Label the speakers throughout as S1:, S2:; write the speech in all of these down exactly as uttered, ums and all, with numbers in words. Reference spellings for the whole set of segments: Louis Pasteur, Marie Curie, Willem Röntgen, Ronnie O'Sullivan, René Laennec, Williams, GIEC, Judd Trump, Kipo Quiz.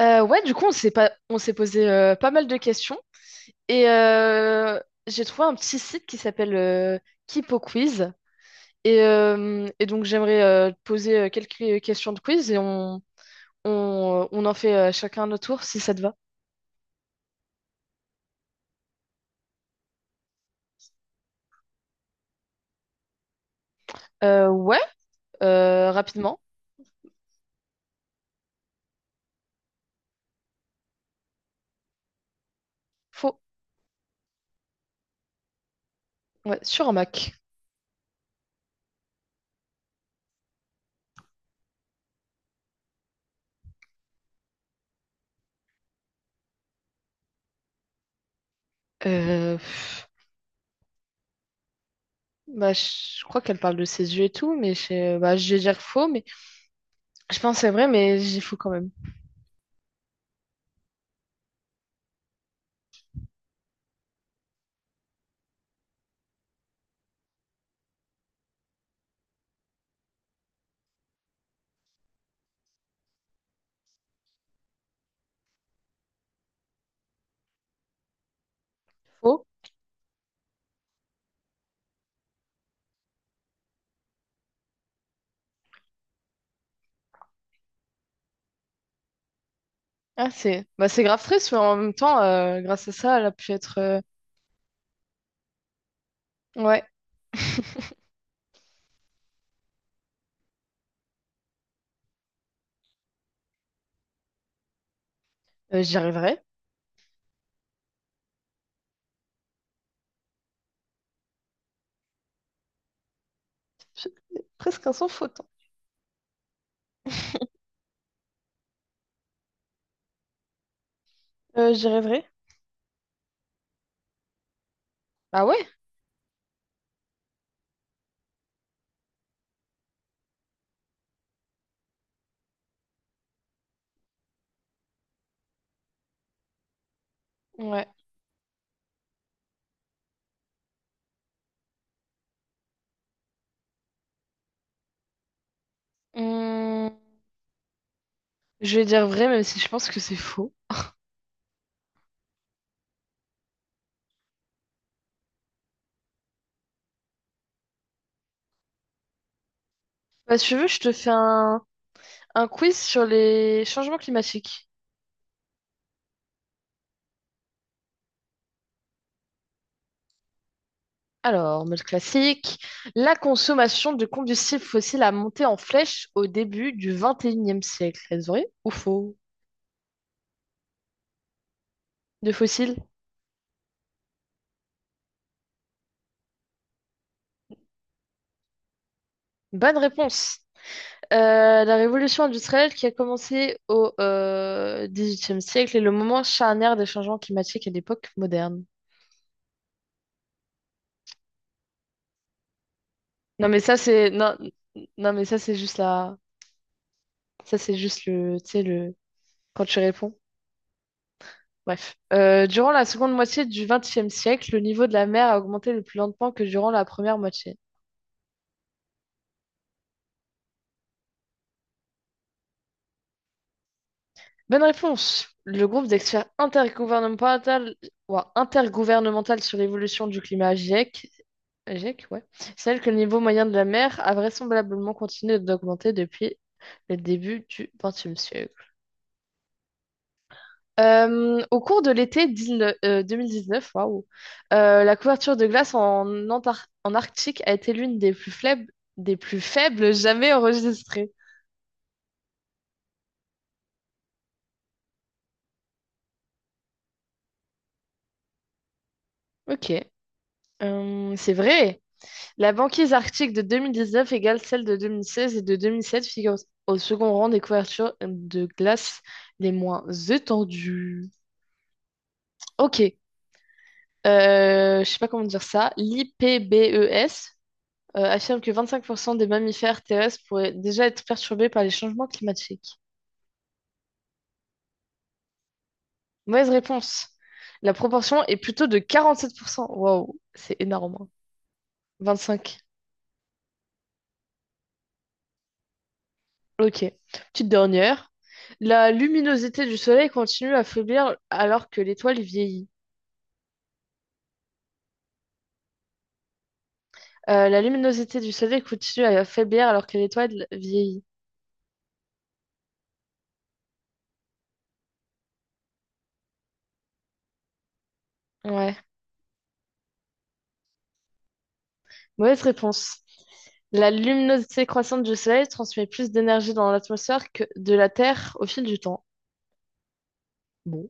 S1: Euh, ouais, du coup, on s'est pas... on s'est posé euh, pas mal de questions et euh, j'ai trouvé un petit site qui s'appelle euh, Kipo Quiz. Et, euh, et donc, j'aimerais euh, te poser euh, quelques euh, questions de quiz et on, on, on en fait euh, chacun notre tour si ça te va. Euh, ouais, euh, rapidement. Faux. Ouais, sur un Mac. Euh, pff, Bah, je crois qu'elle parle de ses yeux et tout, mais je, bah, je vais dire faux, mais je pense que c'est vrai, mais j'ai faux quand même. Faux. Ah, c'est bah, c'est grave triste, mais en même temps, euh, grâce à ça, elle a pu être. euh, Ouais, Euh, j'y arriverai. C'est presque un sans faute, hein. Euh, j'y arriverai. Ah ouais? Ouais. Hum, je vais dire vrai, même si je pense que c'est faux. Bah, si tu veux, je te fais un, un quiz sur les changements climatiques. Alors, mode classique. La consommation de combustibles fossiles a monté en flèche au début du vingt et unième siècle. Est-ce vrai ou faux? De fossiles? Bonne réponse. Euh, la révolution industrielle qui a commencé au euh, dix-huitième siècle est le moment charnière des changements climatiques à l'époque moderne. Non mais ça c'est non, non mais ça c'est juste la ça c'est juste le tu sais le quand tu réponds. Bref. Euh, durant la seconde moitié du vingtième siècle, le niveau de la mer a augmenté le plus lentement que durant la première moitié. Bonne réponse. Le groupe d'experts intergouvernemental, ouah, intergouvernemental sur l'évolution du climat, GIEC, GIEC, ouais. Celle que le niveau moyen de la mer a vraisemblablement continué d'augmenter depuis le début du vingtième siècle. Euh, au cours de l'été 19 euh, deux mille dix-neuf, waouh, euh, la couverture de glace en, Antar- en Arctique a été l'une des plus faibles, des plus faibles jamais enregistrées. Ok, Euh, c'est vrai. La banquise arctique de deux mille dix-neuf égale celle de deux mille seize et de deux mille sept figure au second rang des couvertures de glace les moins étendues. Ok, euh, je sais pas comment dire ça, l'I P B E S euh, affirme que vingt-cinq pour cent des mammifères terrestres pourraient déjà être perturbés par les changements climatiques. Mauvaise réponse. La proportion est plutôt de quarante-sept pour cent. Waouh, c'est énorme, hein. vingt-cinq. Ok. Petite dernière. La luminosité du soleil continue à faiblir alors que l'étoile vieillit. Euh, la luminosité du soleil continue à faiblir alors que l'étoile vieillit. Ouais. Mauvaise réponse. La luminosité croissante du soleil transmet plus d'énergie dans l'atmosphère que de la Terre au fil du temps. Bon.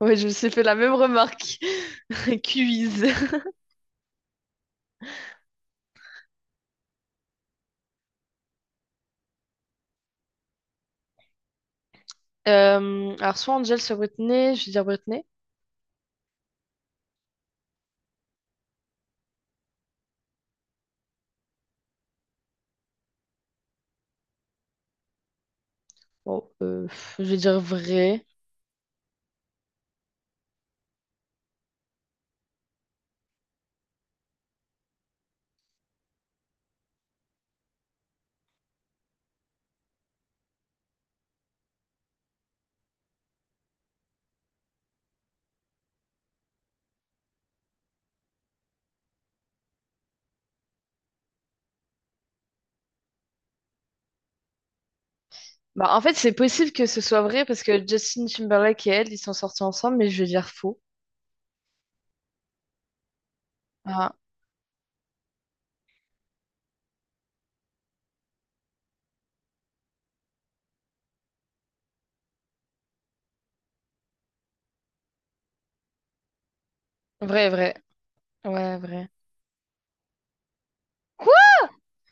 S1: Ouais, je me suis fait la même remarque. Quiz. Euh, alors, soit Angel, soit Britney. Je vais dire Britney. Bon, euh, pff, je vais dire vrai. Bah, en fait, c'est possible que ce soit vrai parce que Justin Timberlake et elle, ils sont sortis ensemble, mais je vais dire faux. Ah, vrai, vrai. Ouais, vrai. Quoi?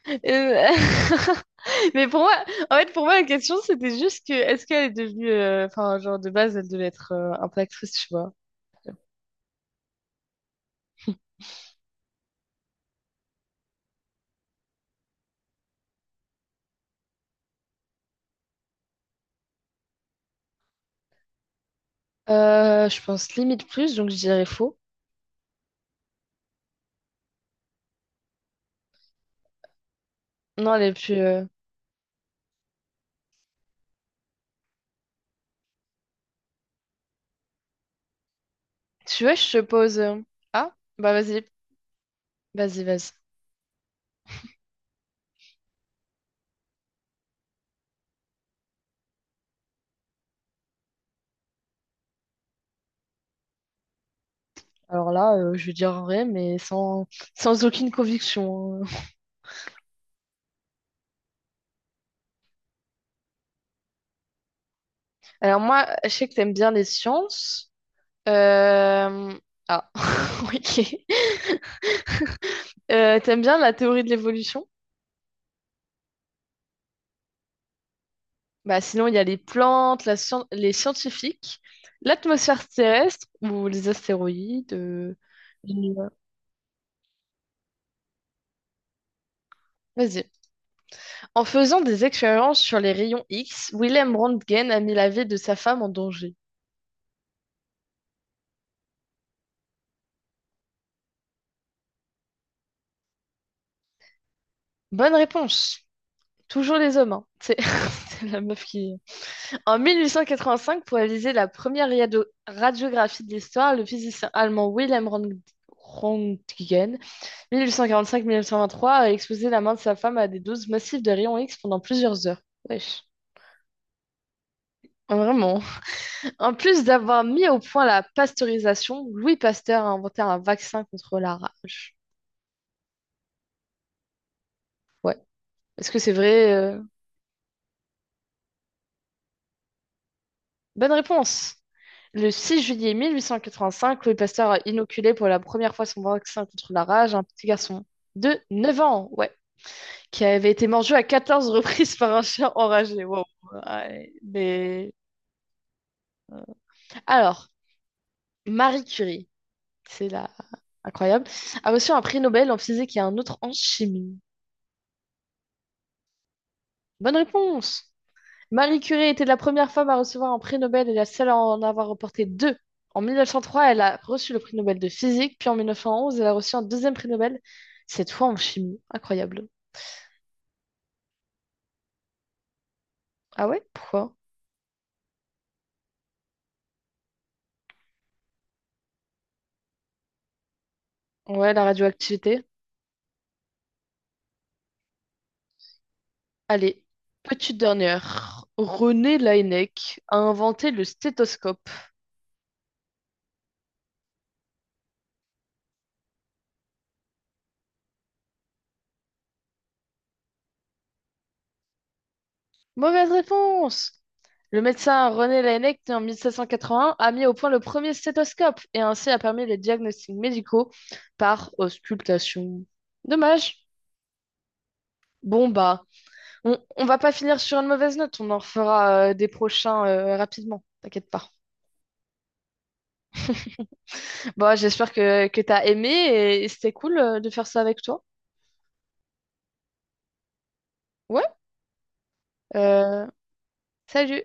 S1: Euh, Mais pour moi, en fait, pour moi, la question, c'était juste que, est-ce qu'elle est devenue, euh, enfin, genre, de base, elle devait être euh, un peu actrice, tu vois. Euh, je pense limite plus, donc je dirais faux. Non, elle est plus, euh, tu vois, je te pose, euh, ah, bah, vas-y, vas-y, vas-y. Alors là, euh, je vais dire vrai, mais sans, sans aucune conviction, hein. Alors moi, je sais que t'aimes bien les sciences. Euh, Ah, ok. Euh, t'aimes bien la théorie de l'évolution? Bah, sinon, il y a les plantes, la scien- les scientifiques, l'atmosphère terrestre ou les astéroïdes. euh, les- Vas-y. En faisant des expériences sur les rayons X, Willem Röntgen a mis la vie de sa femme en danger. Bonne réponse. Toujours les hommes, hein. C'est c'est la meuf qui... En mille huit cent quatre-vingt-cinq, pour réaliser la première radio- radiographie de l'histoire, le physicien allemand Willem Röntgen mille huit cent quarante-cinq-mille neuf cent vingt-trois a exposé la main de sa femme à des doses massives de rayons X pendant plusieurs heures. Wesh. Vraiment. En plus d'avoir mis au point la pasteurisation, Louis Pasteur a inventé un vaccin contre la rage. Ouais. Est-ce que c'est vrai? euh Bonne réponse. Le six juillet mille huit cent quatre-vingt-cinq, Louis Pasteur a inoculé pour la première fois son vaccin contre la rage à un petit garçon de neuf ans, ouais, qui avait été mordu à quatorze reprises par un chien enragé. Wow. Ouais, mais... euh. Alors, Marie Curie. C'est la Incroyable. A reçu un prix Nobel en physique et un autre en chimie. Bonne réponse. Marie Curie était la première femme à recevoir un prix Nobel et la seule à en avoir remporté deux. En mille neuf cent trois, elle a reçu le prix Nobel de physique, puis en mille neuf cent onze, elle a reçu un deuxième prix Nobel, cette fois en chimie. Incroyable. Ah ouais? Pourquoi? Ouais, la radioactivité. Allez, petite dernière. René Laennec a inventé le stéthoscope. Mauvaise réponse! Le médecin René Laennec, né en mille sept cent quatre-vingt-un, a mis au point le premier stéthoscope et ainsi a permis les diagnostics médicaux par auscultation. Dommage. Bon bah, on, on va pas finir sur une mauvaise note, on en fera euh, des prochains euh, rapidement, t'inquiète pas. Bon, j'espère que, que t'as aimé et, et c'était cool euh, de faire ça avec toi. Ouais, euh, salut!